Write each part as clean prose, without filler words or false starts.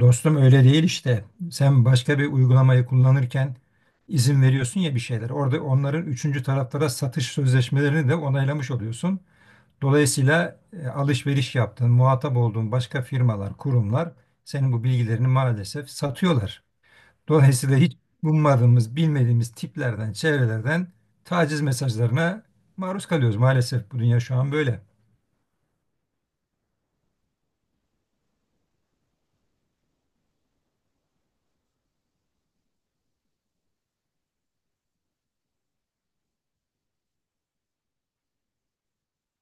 Dostum öyle değil işte. Sen başka bir uygulamayı kullanırken izin veriyorsun ya bir şeyler. Orada onların üçüncü taraflara satış sözleşmelerini de onaylamış oluyorsun. Dolayısıyla alışveriş yaptığın, muhatap olduğun başka firmalar, kurumlar senin bu bilgilerini maalesef satıyorlar. Dolayısıyla hiç ummadığımız, bilmediğimiz tiplerden, çevrelerden taciz mesajlarına maruz kalıyoruz. Maalesef bu dünya şu an böyle.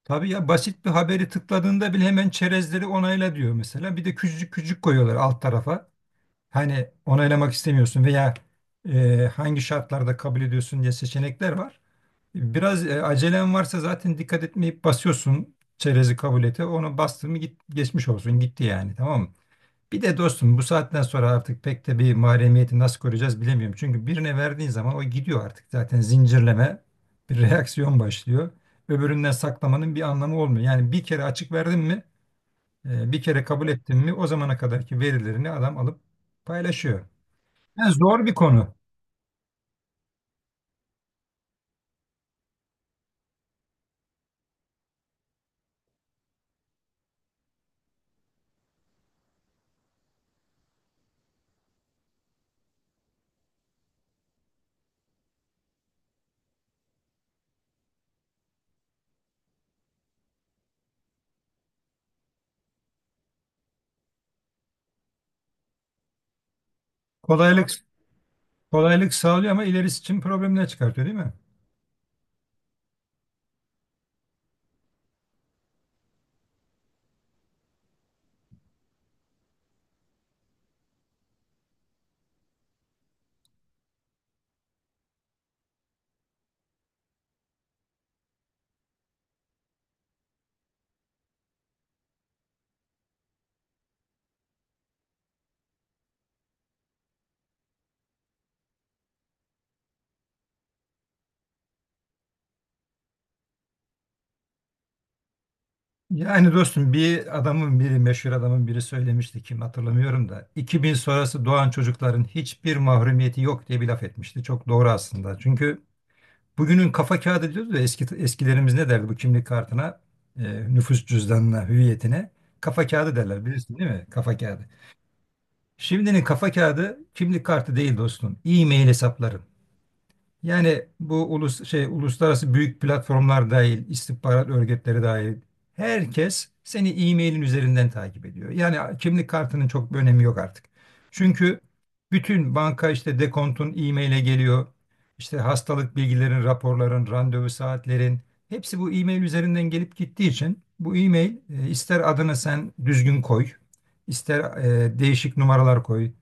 Tabii ya basit bir haberi tıkladığında bile hemen çerezleri onayla diyor mesela. Bir de küçücük küçük koyuyorlar alt tarafa. Hani onaylamak istemiyorsun veya hangi şartlarda kabul ediyorsun diye seçenekler var. Biraz acelen varsa zaten dikkat etmeyip basıyorsun çerezi kabul ete. Onu bastın mı git, geçmiş olsun gitti yani tamam mı? Bir de dostum bu saatten sonra artık pek de bir mahremiyeti nasıl koruyacağız bilemiyorum. Çünkü birine verdiğin zaman o gidiyor artık zaten zincirleme bir reaksiyon başlıyor. Öbüründen saklamanın bir anlamı olmuyor. Yani bir kere açık verdin mi bir kere kabul ettin mi o zamana kadarki verilerini adam alıp paylaşıyor. Yani zor bir konu. Kolaylık kolaylık sağlıyor ama ilerisi için problemler çıkartıyor değil mi? Yani dostum bir adamın biri meşhur adamın biri söylemişti kim hatırlamıyorum da 2000 sonrası doğan çocukların hiçbir mahrumiyeti yok diye bir laf etmişti. Çok doğru aslında. Çünkü bugünün kafa kağıdı diyoruz da eski eskilerimiz ne derdi bu kimlik kartına, nüfus cüzdanına, hüviyetine kafa kağıdı derler bilirsin değil mi? Kafa kağıdı. Şimdinin kafa kağıdı kimlik kartı değil dostum. E-mail hesapları. Yani bu uluslararası büyük platformlar dahil, istihbarat örgütleri dahil herkes seni e-mailin üzerinden takip ediyor. Yani kimlik kartının çok bir önemi yok artık. Çünkü bütün banka işte dekontun e-maile geliyor. İşte hastalık bilgilerin, raporların, randevu saatlerin hepsi bu e-mail üzerinden gelip gittiği için bu e-mail ister adını sen düzgün koy, ister değişik numaralar koy,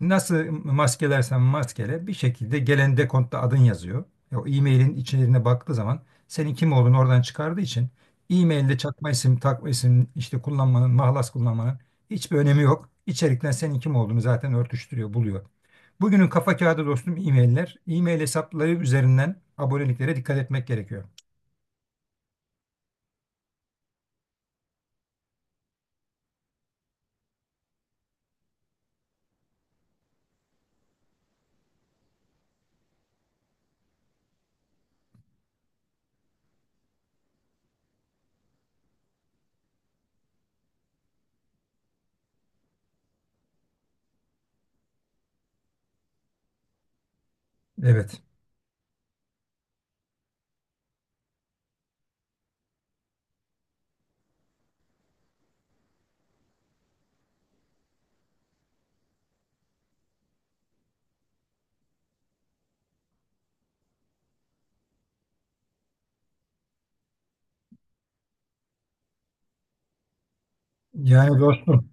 nasıl maskelersen maskele bir şekilde gelen dekontta adın yazıyor. O e-mailin içeriğine baktığı zaman senin kim olduğunu oradan çıkardığı için e-mailde çakma isim, takma isim işte kullanmanın, mahlas kullanmanın hiçbir önemi yok. İçerikten senin kim olduğunu zaten örtüştürüyor, buluyor. Bugünün kafa kağıdı dostum e-mailler. E-mail hesapları üzerinden aboneliklere dikkat etmek gerekiyor. Evet. Yani dostum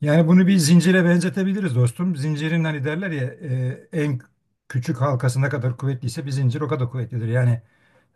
Yani bunu bir zincire benzetebiliriz dostum. Zincirin hani derler ya en küçük halkası ne kadar kuvvetliyse bir zincir o kadar kuvvetlidir. Yani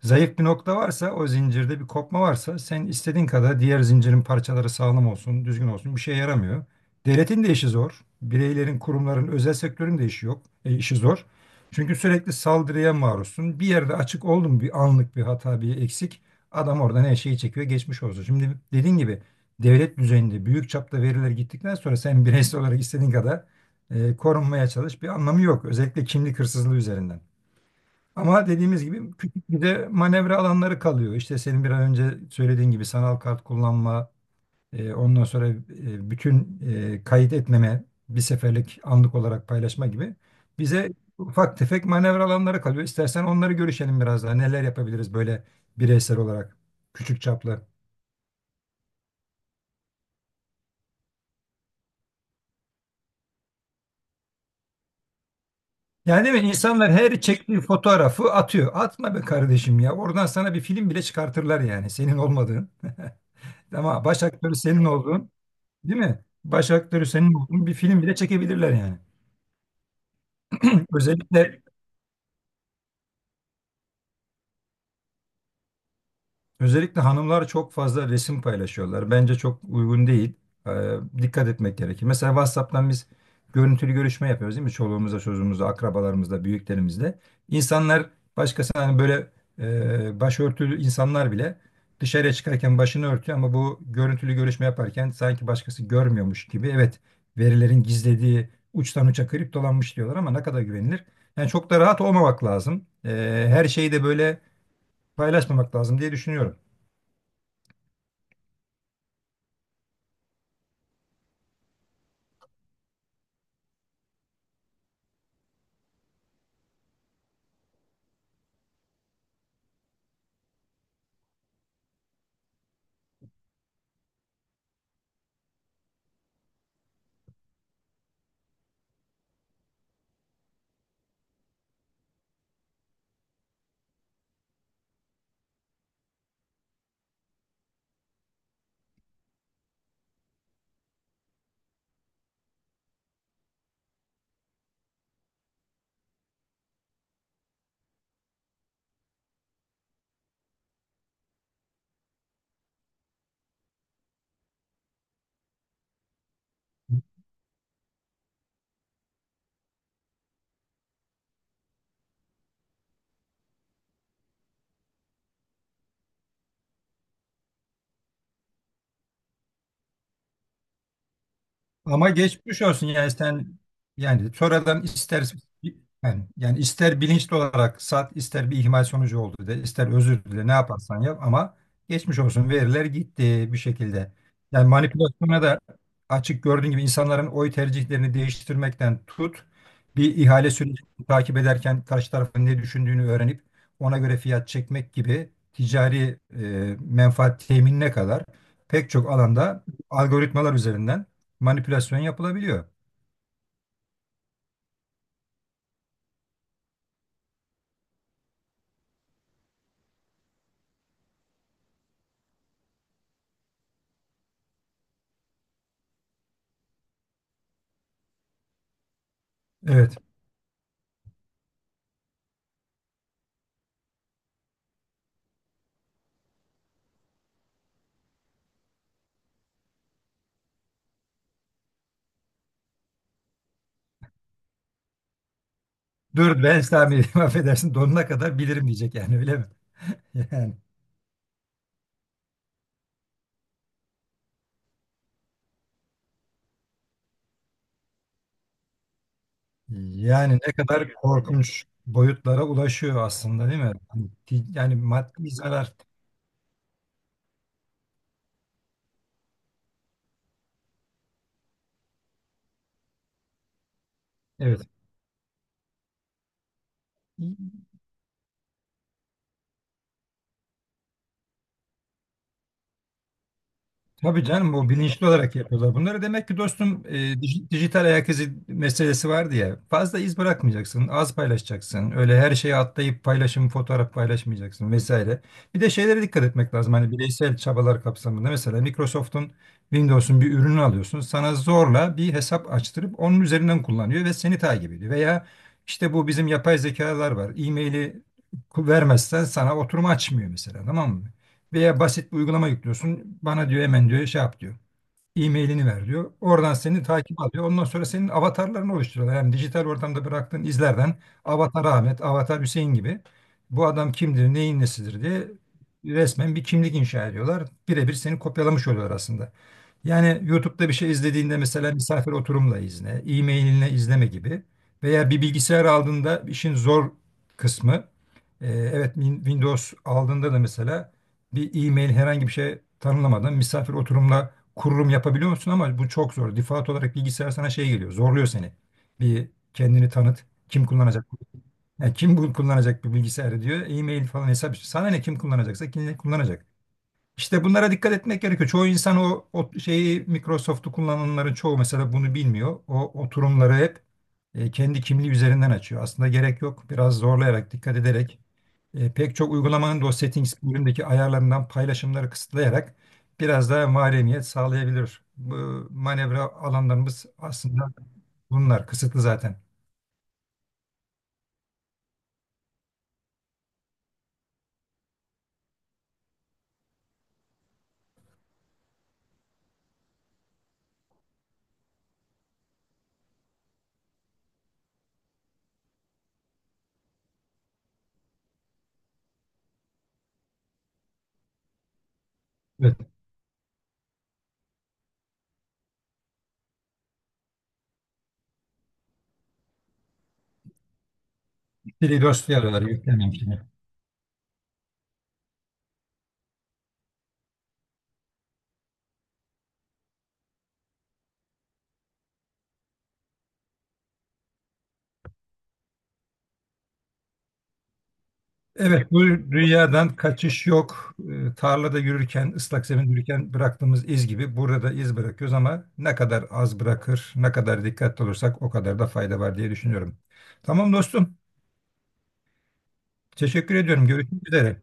zayıf bir nokta varsa o zincirde bir kopma varsa sen istediğin kadar diğer zincirin parçaları sağlam olsun, düzgün olsun bir şeye yaramıyor. Devletin de işi zor. Bireylerin, kurumların, özel sektörün de işi yok, işi zor. Çünkü sürekli saldırıya maruzsun. Bir yerde açık oldu mu bir anlık bir hata, bir eksik adam oradan her şeyi çekiyor, geçmiş olsun. Şimdi dediğin gibi devlet düzeyinde büyük çapta veriler gittikten sonra sen bireysel olarak istediğin kadar korunmaya çalış bir anlamı yok. Özellikle kimlik hırsızlığı üzerinden. Ama dediğimiz gibi küçük bir de manevra alanları kalıyor. İşte senin bir an önce söylediğin gibi sanal kart kullanma, ondan sonra bütün kayıt etmeme, bir seferlik anlık olarak paylaşma gibi bize ufak tefek manevra alanları kalıyor. İstersen onları görüşelim biraz daha. Neler yapabiliriz böyle bireysel olarak küçük çaplı. Yani değil mi? İnsanlar her çektiği fotoğrafı atıyor. Atma be kardeşim ya. Oradan sana bir film bile çıkartırlar yani. Senin olmadığın. Ama baş aktörü senin olduğun, değil mi? Baş aktörü senin olduğun bir film bile çekebilirler yani. Özellikle Özellikle hanımlar çok fazla resim paylaşıyorlar. Bence çok uygun değil. Ee, Dikkat etmek gerekir. Mesela WhatsApp'tan biz görüntülü görüşme yapıyoruz değil mi? Çoluğumuzla, çocuğumuzla, akrabalarımızla, büyüklerimizle. İnsanlar başkası hani böyle başörtülü insanlar bile dışarıya çıkarken başını örtüyor ama bu görüntülü görüşme yaparken sanki başkası görmüyormuş gibi. Evet, verilerin gizlediği uçtan uça kriptolanmış diyorlar ama ne kadar güvenilir? Yani çok da rahat olmamak lazım. Her şeyi de böyle paylaşmamak lazım diye düşünüyorum. Ama geçmiş olsun yani sen yani sonradan ister ister bilinçli olarak sat ister bir ihmal sonucu oldu de ister özür dile ne yaparsan yap ama geçmiş olsun veriler gitti bir şekilde. Yani manipülasyona da açık gördüğün gibi insanların oy tercihlerini değiştirmekten tut bir ihale sürecini takip ederken karşı tarafın ne düşündüğünü öğrenip ona göre fiyat çekmek gibi ticari menfaat teminine kadar pek çok alanda algoritmalar üzerinden manipülasyon yapılabiliyor. Evet. Dur ben İslami değilim, affedersin donuna kadar bilirim diyecek yani öyle mi? Ne kadar korkunç boyutlara ulaşıyor aslında değil mi? Hani yani maddi zarar. Evet. Tabii canım bu bilinçli olarak yapıyorlar bunları. Demek ki dostum dijital ayak izi meselesi vardı ya. Fazla iz bırakmayacaksın, az paylaşacaksın. Öyle her şeye atlayıp paylaşım, fotoğraf paylaşmayacaksın vesaire. Bir de şeylere dikkat etmek lazım. Hani bireysel çabalar kapsamında mesela Microsoft'un Windows'un bir ürünü alıyorsun. Sana zorla bir hesap açtırıp onun üzerinden kullanıyor ve seni takip ediyor. Veya işte bu bizim yapay zekalar var. E-mail'i vermezsen sana oturum açmıyor mesela tamam mı? Veya basit bir uygulama yüklüyorsun. Bana diyor hemen diyor şey yap diyor e-mailini ver diyor. Oradan seni takip alıyor. Ondan sonra senin avatarlarını oluşturuyorlar. Yani dijital ortamda bıraktığın izlerden Avatar Ahmet, Avatar Hüseyin gibi bu adam kimdir, neyin nesidir diye resmen bir kimlik inşa ediyorlar. Birebir seni kopyalamış oluyorlar aslında. Yani YouTube'da bir şey izlediğinde mesela misafir oturumla izle, e-mailinle izleme gibi veya bir bilgisayar aldığında işin zor kısmı evet Windows aldığında da mesela bir e-mail herhangi bir şey tanımlamadan misafir oturumla kururum yapabiliyor musun ama bu çok zor. Default olarak bilgisayar sana şey geliyor, zorluyor seni. Bir kendini tanıt, kim kullanacak? Yani kim bu kullanacak bir bilgisayarı diyor. E-mail falan hesap. İşte. Sana ne kim kullanacaksa kim ne kullanacak. İşte bunlara dikkat etmek gerekiyor. Çoğu insan o şeyi Microsoft'u kullananların çoğu mesela bunu bilmiyor. O oturumları hep kendi kimliği üzerinden açıyor. Aslında gerek yok. Biraz zorlayarak, dikkat ederek pek çok uygulamanın da o settings bölümündeki ayarlarından paylaşımları kısıtlayarak biraz daha mahremiyet sağlayabilir. Bu manevra alanlarımız aslında bunlar. Kısıtlı zaten. Evet. Dili dosyaları yüklememiş. Evet, bu rüyadan kaçış yok. Tarlada yürürken, ıslak zeminde yürürken bıraktığımız iz gibi burada da iz bırakıyoruz ama ne kadar az bırakır, ne kadar dikkatli olursak o kadar da fayda var diye düşünüyorum. Tamam dostum, teşekkür ediyorum. Görüşmek üzere.